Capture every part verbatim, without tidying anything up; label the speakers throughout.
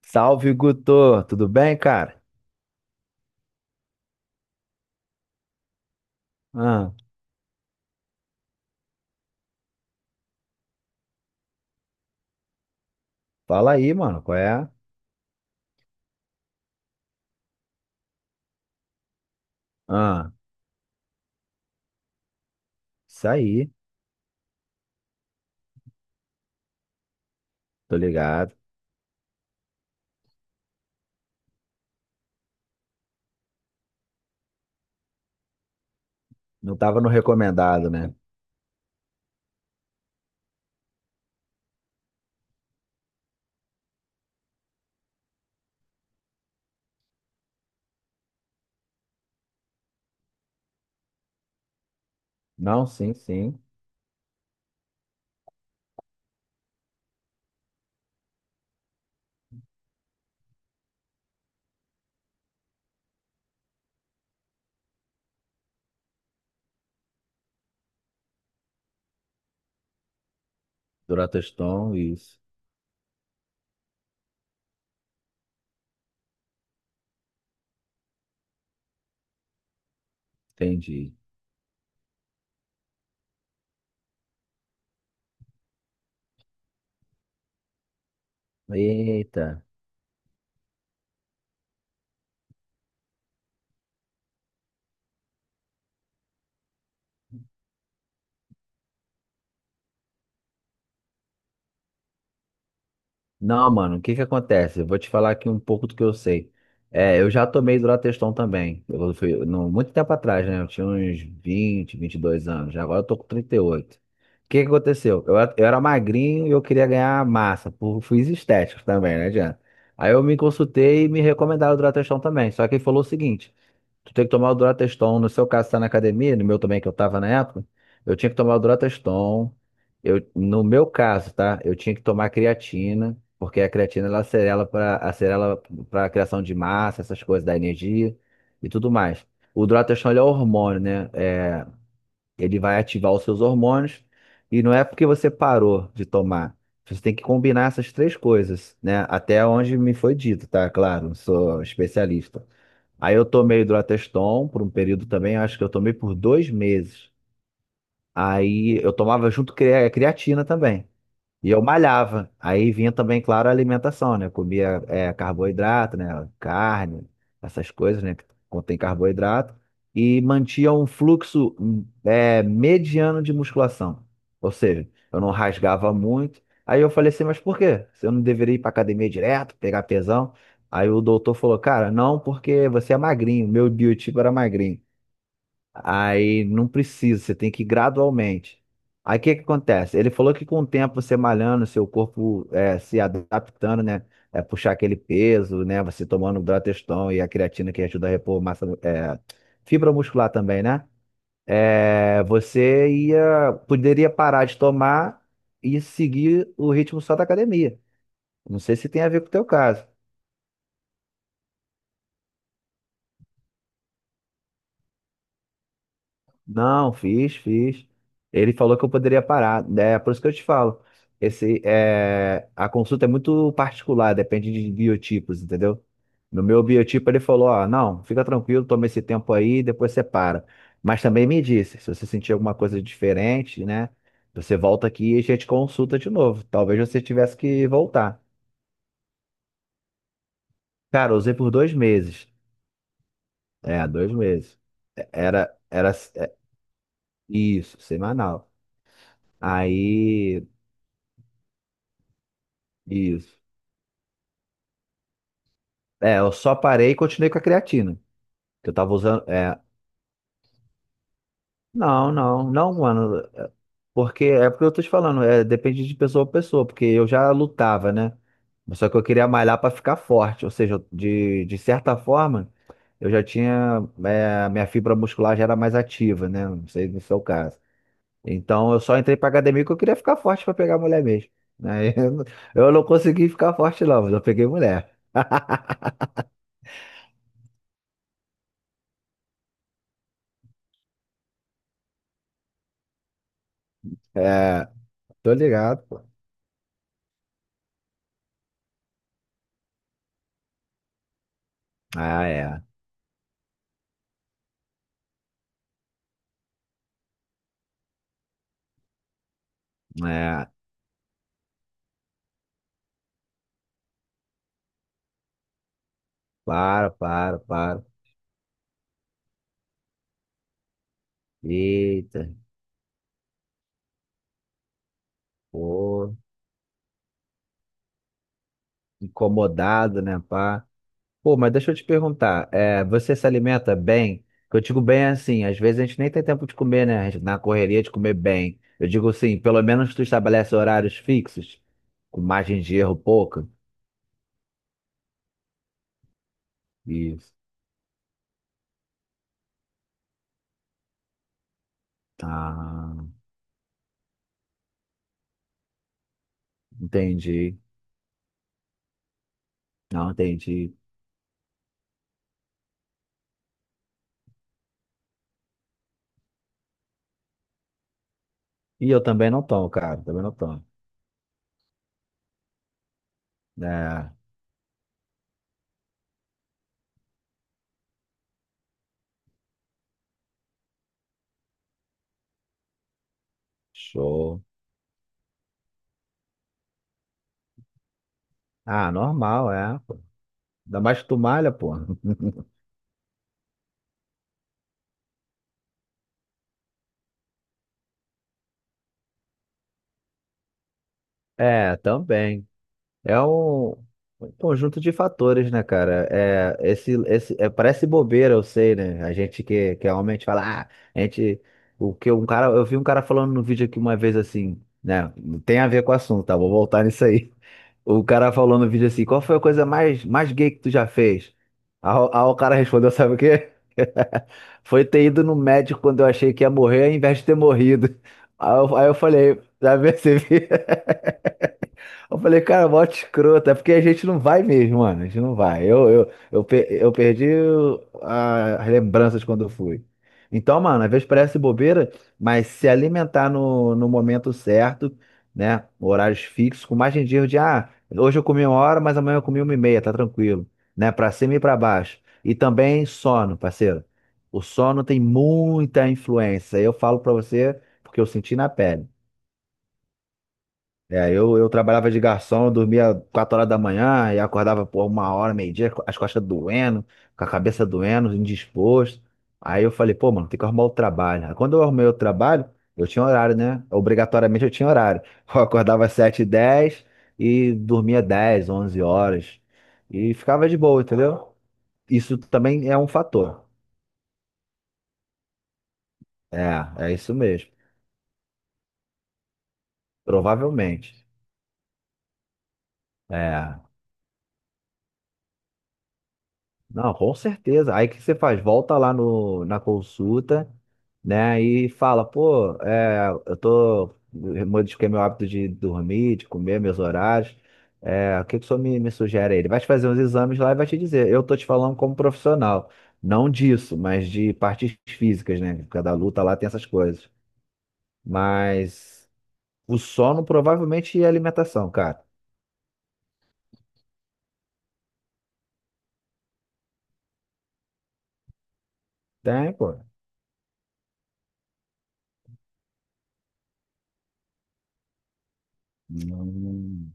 Speaker 1: Salve, Guto! Tudo bem, cara? Ah, fala aí, mano, qual é? Ah, isso aí, tô ligado. Não tava no recomendado, né? Não, sim, sim. Durateston, isso. Entendi. Eita. Não, mano, o que que acontece? Eu vou te falar aqui um pouco do que eu sei. É, eu já tomei Durateston também. Eu fui, no, muito tempo atrás, né? Eu tinha uns vinte, vinte e dois anos. Já agora eu tô com trinta e oito. O que que aconteceu? Eu, era- eu era magrinho e eu queria ganhar massa. Por fins estéticos também, né, Diana? Aí eu me consultei e me recomendaram o Durateston também. Só que ele falou o seguinte. Tu tem que tomar o Durateston. No seu caso, tá na academia, no meu também, que eu tava na época, eu tinha que tomar o Durateston. Eu, no meu caso, tá? Eu tinha que tomar creatina, porque a creatina ela acelera para acelera para criação de massa, essas coisas, da energia e tudo mais. O Durateston ele é hormônio, né? É, ele vai ativar os seus hormônios e não é porque você parou de tomar. Você tem que combinar essas três coisas, né? Até onde me foi dito, tá? Claro, não sou especialista. Aí eu tomei Hidroteston por um período também, acho que eu tomei por dois meses. Aí eu tomava junto crea- creatina também. E eu malhava. Aí vinha também, claro, a alimentação, né? Comia é, carboidrato, né? Carne, essas coisas, né? Que contém carboidrato. E mantinha um fluxo hum, é, mediano de musculação. Ou seja, eu não rasgava muito. Aí eu falei assim, mas por quê? Se eu não deveria ir pra academia direto, pegar pesão? Aí o doutor falou, cara, não, porque você é magrinho. Meu biotipo era magrinho. Aí não precisa, você tem que ir gradualmente. Aí o que que acontece? Ele falou que com o tempo você malhando, seu corpo é, se adaptando, né? É, puxar aquele peso, né? Você tomando o Droteston e a creatina que ajuda a repor massa, é, fibra muscular também, né? É, você ia, poderia parar de tomar e seguir o ritmo só da academia. Não sei se tem a ver com o teu caso. Não, fiz, fiz. Ele falou que eu poderia parar. É por isso que eu te falo. Esse, é, a consulta é muito particular, depende de biotipos, entendeu? No meu biotipo, ele falou: Ó, não, fica tranquilo, toma esse tempo aí, depois você para. Mas também me disse: se você sentir alguma coisa diferente, né? Você volta aqui e a gente consulta de novo. Talvez você tivesse que voltar. Cara, eu usei por dois meses. É, dois meses. Era, era é, isso, semanal. Aí. Isso. É, eu só parei e continuei com a creatina. Que eu tava usando. É, não, não, não, mano. Porque é porque eu tô te falando, é, depende de pessoa pra pessoa, porque eu já lutava, né? Mas só que eu queria malhar pra ficar forte. Ou seja, eu- de, de certa forma, eu já tinha. é, minha fibra muscular já era mais ativa, né? Não sei se é o caso. Então eu só entrei pra academia porque eu queria ficar forte pra pegar mulher mesmo. Aí eu não eu não consegui ficar forte, não, mas eu peguei mulher. É, tô ligado, pô. Ah, é. É, para, para, para. Eita, pô, incomodado, né, pá? Pô, mas deixa eu te perguntar, é, você se alimenta bem? Que eu digo bem é assim, às vezes a gente nem tem tempo de comer, né? A gente na correria de comer bem. Eu digo assim, pelo menos tu estabelece horários fixos, com margem de erro pouca. Isso. Ah, entendi. Não, entendi. E eu também não tomo, cara, também não tomo. É, show. Ah, normal, é, pô. Ainda mais que tu malha, pô. É, também. É um, um conjunto de fatores, né, cara? É, esse, esse, é, parece bobeira, eu sei, né? A gente que, que é homem, a gente fala, ah, a gente. O que um cara, eu vi um cara falando no vídeo aqui uma vez assim, né? Não tem a ver com o assunto, tá? Vou voltar nisso aí. O cara falou no vídeo assim, qual foi a coisa mais, mais gay que tu já fez? Aí, o aí o cara respondeu, sabe o quê? Foi ter ido no médico quando eu achei que ia morrer, ao invés de ter morrido. Aí eu, aí eu falei, já percebi? Eu falei, cara, mó escroto. É porque a gente não vai mesmo, mano. A gente não vai. Eu, eu, eu, pe- eu perdi o- a- as lembranças quando eu fui. Então, mano, às vezes parece bobeira, mas se alimentar no, no momento certo, né? Horários fixos, com margem de erro de, ah, hoje eu comi uma hora, mas amanhã eu comi uma e meia, tá tranquilo. Né? Pra cima e pra baixo. E também sono, parceiro. O sono tem muita influência. Eu falo pra você porque eu senti na pele. É, eu, eu trabalhava de garçom, eu dormia quatro horas da manhã e acordava por uma hora, meio-dia, co- as costas doendo, com a cabeça doendo, indisposto. Aí eu falei, pô, mano, tem que arrumar o trabalho. Aí quando eu arrumei o trabalho, eu tinha horário, né? Obrigatoriamente eu tinha horário. Eu acordava às sete e dez e dez e dormia dez onze horas. E ficava de boa, entendeu? Isso também é um fator. É, é isso mesmo. Provavelmente. É. Não, com certeza. Aí o que você faz? Volta lá no, na consulta, né? E fala, pô, é, eu tô. Modifiquei meu hábito de dormir, de comer, meus horários. É, o que que o senhor me, me sugere aí? Ele vai te fazer uns exames lá e vai te dizer. Eu tô te falando como profissional, não disso, mas de partes físicas, né? Cada luta lá tem essas coisas. Mas o sono provavelmente e a alimentação, cara. Tem, pô. Hum,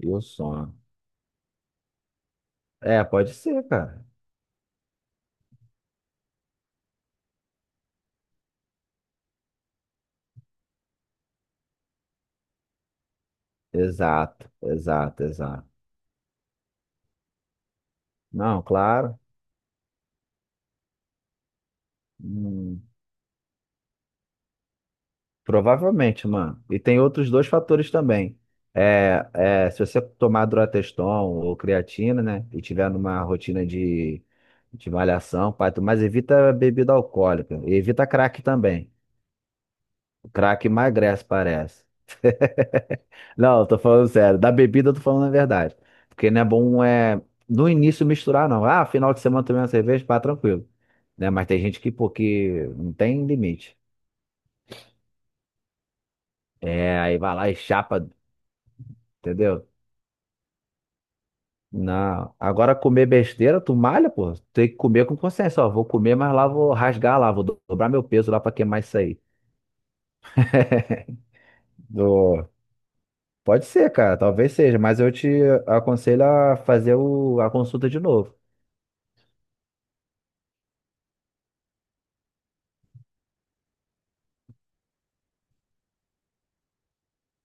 Speaker 1: e o sono. É, pode ser, cara. Exato, exato, exato. Não, claro. Hum, provavelmente, mano. E tem outros dois fatores também. É, é, se você tomar Droteston ou creatina, né? E tiver numa rotina de, de malhação, pai, tu- mas evita bebida alcoólica. E evita crack também. O crack emagrece, parece. Não, eu tô falando sério. Da bebida eu tô falando a verdade. Porque não é bom é, no início misturar, não. Ah, final de semana tomei uma cerveja, pá, tranquilo. Né? Mas tem gente que, pô, que não tem limite. É, aí vai lá e chapa, entendeu? Não. Agora comer besteira, tu malha, pô. Tem que comer com consciência. Ó, vou comer, mas lá vou rasgar lá, vou do- dobrar meu peso lá pra queimar isso aí. Do... Pode ser, cara, talvez seja, mas eu te aconselho a fazer o... a consulta de novo.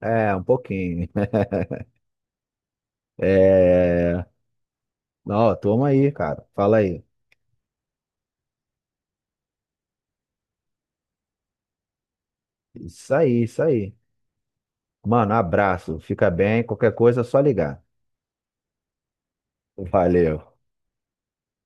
Speaker 1: É, um pouquinho. É. Não, toma aí, cara. Fala aí. Isso aí, isso aí. Mano, abraço. Fica bem. Qualquer coisa é só ligar. Valeu.